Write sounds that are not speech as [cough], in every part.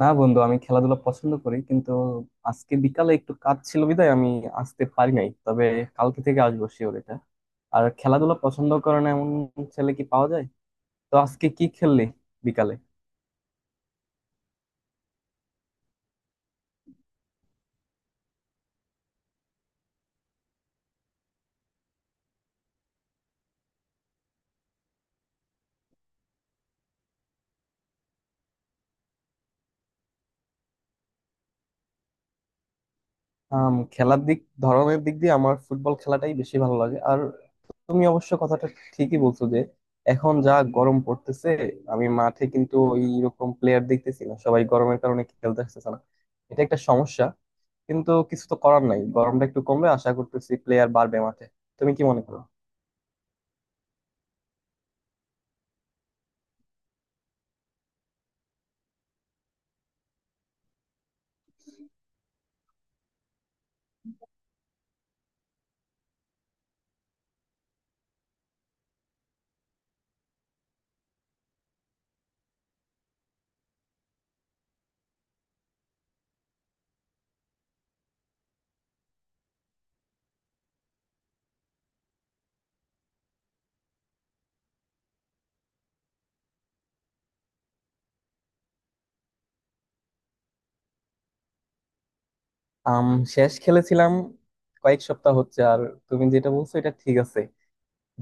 না বন্ধু, আমি খেলাধুলা পছন্দ করি, কিন্তু আজকে বিকালে একটু কাজ ছিল বিধায় আমি আসতে পারি নাই। তবে কালকে থেকে আসবো, শিওর এটা। আর খেলাধুলা পছন্দ করে না এমন ছেলে কি পাওয়া যায়? তো আজকে কি খেললি বিকালে? খেলার দিক ধরনের দিক দিয়ে আমার ফুটবল খেলাটাই বেশি ভালো লাগে। আর তুমি অবশ্য কথাটা ঠিকই বলছো যে এখন যা গরম পড়তেছে, আমি মাঠে কিন্তু এইরকম প্লেয়ার দেখতেছি না, সবাই গরমের কারণে খেলতে আসতেছে না। এটা একটা সমস্যা, কিন্তু কিছু তো করার নাই। গরমটা একটু কমলে আশা করতেছি প্লেয়ার বাড়বে মাঠে। তুমি কি মনে করো? আম শেষ খেলেছিলাম কয়েক সপ্তাহ হচ্ছে। আর তুমি যেটা বলছো এটা ঠিক আছে,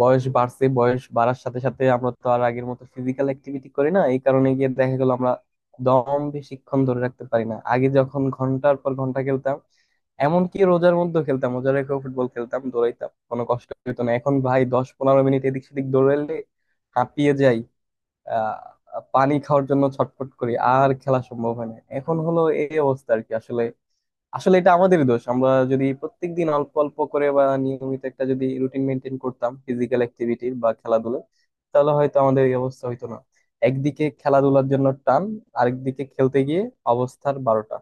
বয়স বাড়ছে, বয়স বাড়ার সাথে সাথে আমরা তো আর আগের মতো ফিজিক্যাল অ্যাক্টিভিটি করি না, এই কারণে গিয়ে দেখা গেল আমরা দম বেশিক্ষণ ধরে রাখতে পারি না। আগে যখন ঘন্টার পর ঘন্টা খেলতাম, এমনকি রোজার মধ্যে খেলতাম, রোজার রেখেও ফুটবল খেলতাম, দৌড়াইতাম, কোনো কষ্ট হতো না। এখন ভাই 10-15 মিনিট এদিক সেদিক দৌড়াইলে হাঁপিয়ে যাই, পানি খাওয়ার জন্য ছটফট করি, আর খেলা সম্ভব হয় না। এখন হলো এই অবস্থা আর কি। আসলে আসলে এটা আমাদেরই দোষ। আমরা যদি প্রত্যেকদিন অল্প অল্প করে বা নিয়মিত একটা যদি রুটিন মেনটেন করতাম ফিজিক্যাল অ্যাক্টিভিটির বা খেলাধুলার, তাহলে হয়তো আমাদের এই অবস্থা হইতো না। একদিকে খেলাধুলার জন্য টান, আরেকদিকে খেলতে গিয়ে অবস্থার বারোটা।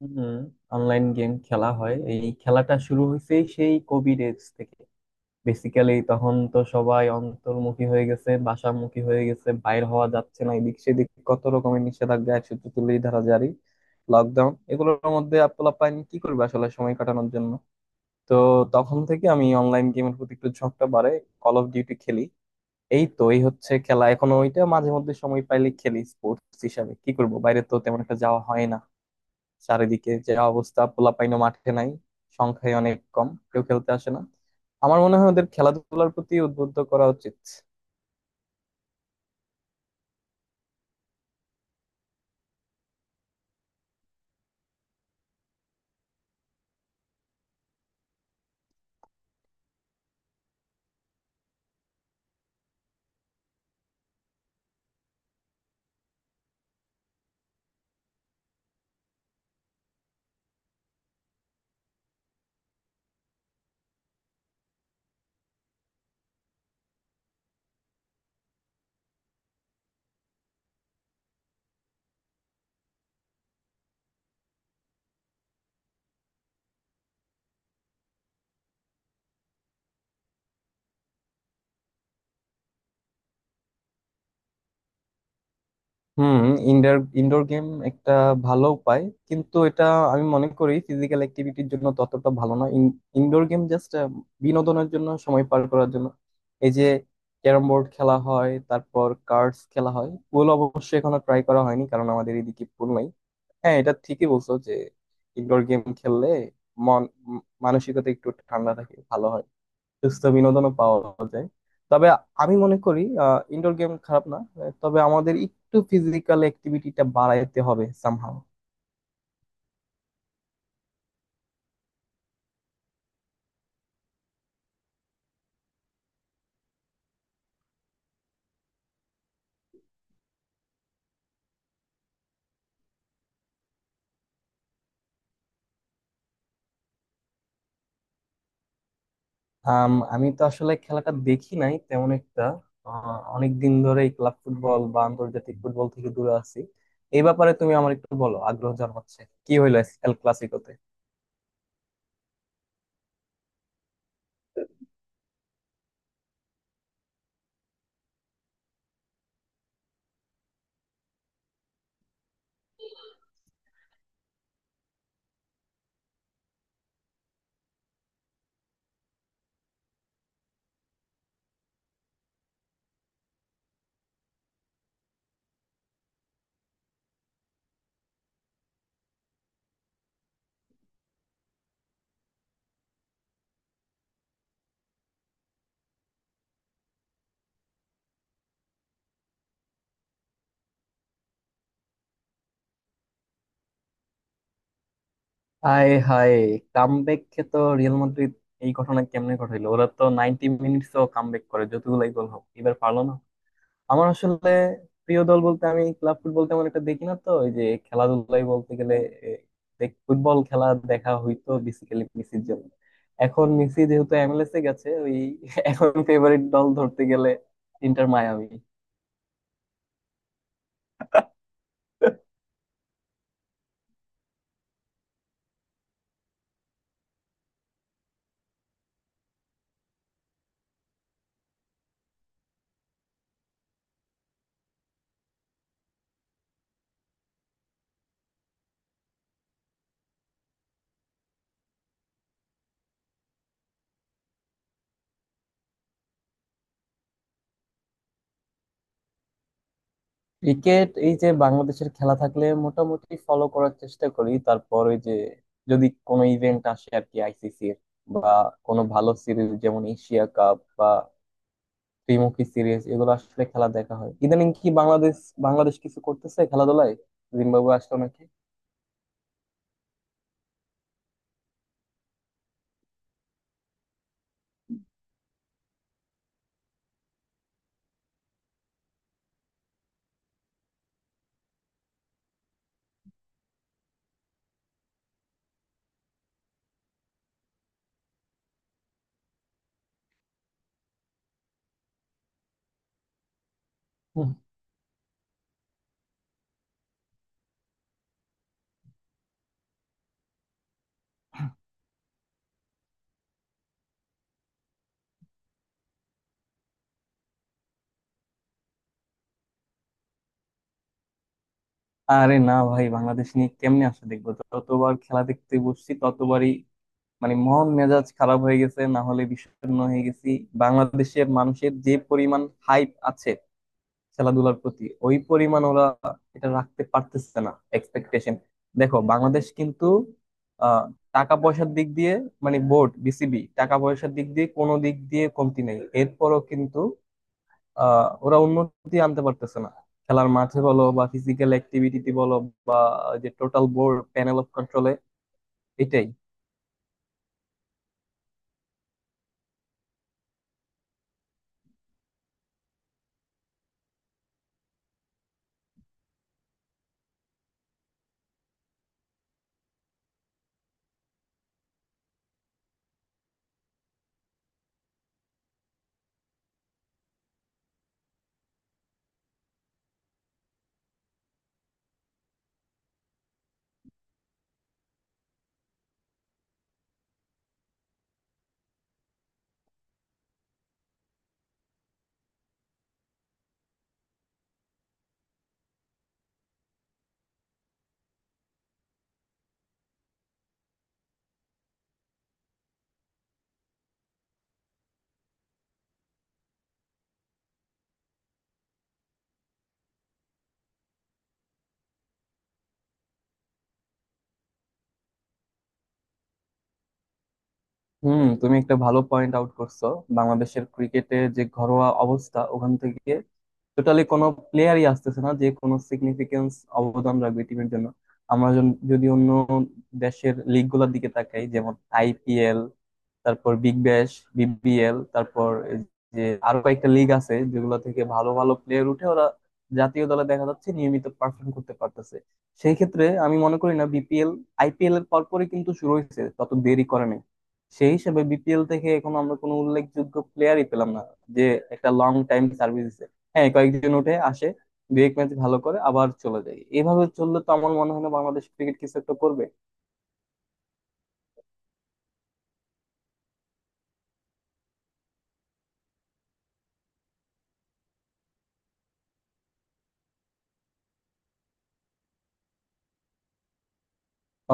হম, অনলাইন গেম খেলা হয়। এই খেলাটা শুরু হয়েছে সেই কোভিড এজ থেকে। বেসিক্যালি তখন তো সবাই অন্তর্মুখী হয়ে গেছে, বাসামুখী হয়ে গেছে, বাইর হওয়া যাচ্ছে না, এদিক সেদিক কত রকমের নিষেধাজ্ঞা, 144 ধারা জারি, লকডাউন, এগুলোর মধ্যে পোলাপাইন কি করবে আসলে সময় কাটানোর জন্য। তো তখন থেকে আমি অনলাইন গেমের প্রতি একটু ঝোঁকটা বাড়ে। কল অফ ডিউটি খেলি, এই তো এই হচ্ছে খেলা এখন। ওইটা মাঝে মধ্যে সময় পাইলে খেলি। স্পোর্টস হিসাবে কি করবো, বাইরে তো তেমন একটা যাওয়া হয় না, চারিদিকে যে অবস্থা, পোলাপাইনও মাঠে নাই, সংখ্যায় অনেক কম, কেউ খেলতে আসে না। আমার মনে হয় ওদের খেলাধুলার প্রতি উদ্বুদ্ধ করা উচিত। হুম, ইনডোর ইনডোর গেম একটা ভালো উপায়, কিন্তু এটা আমি মনে করি ফিজিক্যাল অ্যাক্টিভিটির জন্য ততটা ভালো না। ইনডোর গেম জাস্ট বিনোদনের জন্য, সময় পার করার জন্য। এই যে ক্যারম বোর্ড খেলা হয়, তারপর কার্ডস খেলা হয়, পুল অবশ্য এখনো ট্রাই করা হয়নি কারণ আমাদের এদিকে পুল নাই। হ্যাঁ, এটা ঠিকই বলছো যে ইনডোর গেম খেললে মন উম, মানসিকতা একটু ঠান্ডা থাকে, ভালো হয়, সুস্থ বিনোদনও পাওয়া যায়। তবে আমি মনে করি ইনডোর গেম খারাপ না, তবে আমাদের একটু ফিজিক্যাল অ্যাক্টিভিটিটা বাড়াইতে হবে সামহাও। আমি তো আসলে খেলাটা দেখি নাই তেমন একটা, অনেক দিন ধরে ক্লাব ফুটবল বা আন্তর্জাতিক ফুটবল থেকে দূরে আছি। এই ব্যাপারে তুমি আমার একটু বলো, আগ্রহ জন্মাচ্ছে। কি হইলো এল ক্লাসিকোতে? হায় হায়, কামব্যাককে তো রিয়াল মাদ্রিদ এই ঘটনা কেমনে ঘটাইলো, ওরা তো 90 মিনিটস ও কামব্যাক করে, যতগুলাই গোল হোক, এবার পারলো না। আমার আসলে প্রিয় দল বলতে, আমি ক্লাব ফুটবল তেমন একটা দেখি না তো, ওই যে খেলাধুলাই বলতে গেলে, এ, ফুটবল খেলা দেখা হইতো বেসিক্যালি মেসির জন্য। এখন মেসি যেহেতু এমএলএস এ গেছে ওই [laughs] এখন ফেভারিট দল ধরতে গেলে ইন্টার মায়ামি। ক্রিকেট, এই যে বাংলাদেশের খেলা থাকলে মোটামুটি ফলো করার চেষ্টা করি। তারপর ওই যে যদি কোনো ইভেন্ট আসে আর কি আইসিসি এর, বা কোনো ভালো সিরিজ যেমন এশিয়া কাপ বা ত্রিমুখী সিরিজ, এগুলো আসলে খেলা দেখা হয়। ইদানিং কি বাংলাদেশ বাংলাদেশ কিছু করতেছে খেলাধুলায়? জিম্বাবুয়ে আসলো নাকি? হুম। আরে না ভাই, বাংলাদেশ নিয়ে কেমনে আসলে দেখবো, ততবার খেলা দেখতে বসছি ততবারই মানে মন মেজাজ খারাপ হয়ে গেছে, না হলে বিষণ্ণ হয়ে গেছি। বাংলাদেশের মানুষের যে পরিমাণ হাইপ আছে খেলাধুলার প্রতি, ওই পরিমাণ ওরা এটা রাখতে পারতেছে না এক্সপেকটেশন। দেখো বাংলাদেশ কিন্তু আহ, টাকা পয়সার দিক দিয়ে, মানে বোর্ড বিসিবি টাকা পয়সার দিক দিয়ে কোনো দিক দিয়ে কমতি নেই, এরপরও কিন্তু ওরা উন্নতি আনতে পারতেছে না, খেলার মাঠে বলো বা ফিজিক্যাল অ্যাক্টিভিটিতে বলো, বা যে টোটাল বোর্ড প্যানেল অফ কন্ট্রোলে, এটাই। হুম, তুমি একটা ভালো পয়েন্ট আউট করছো। বাংলাদেশের ক্রিকেটের যে ঘরোয়া অবস্থা, ওখান থেকে টোটালি কোনো প্লেয়ারই আসতেছে না যে কোনো সিগনিফিকেন্স অবদান রাখবে টিমের জন্য। আমরা যদি অন্য দেশের লিগ গুলার দিকে তাকাই, যেমন আইপিএল, তারপর বিগ ব্যাশ, বিবিএল, তারপর এই যে আরো কয়েকটা লিগ আছে, যেগুলো থেকে ভালো ভালো প্লেয়ার উঠে, ওরা জাতীয় দলে দেখা যাচ্ছে নিয়মিত পারফর্ম করতে পারতেছে। সেই ক্ষেত্রে আমি মনে করি না, বিপিএল আইপিএল এর পরপরই কিন্তু শুরু হয়েছে, তত দেরি করে নাই। সেই হিসেবে বিপিএল থেকে এখন আমরা কোনো উল্লেখযোগ্য প্লেয়ারই পেলাম না যে একটা লং টাইম সার্ভিস দিচ্ছে। হ্যাঁ, কয়েকজন উঠে আসে, দুই এক ম্যাচ ভালো করে আবার চলে যায়। এভাবে চললে তো আমার মনে হয় না বাংলাদেশ ক্রিকেট কিছু একটা করবে।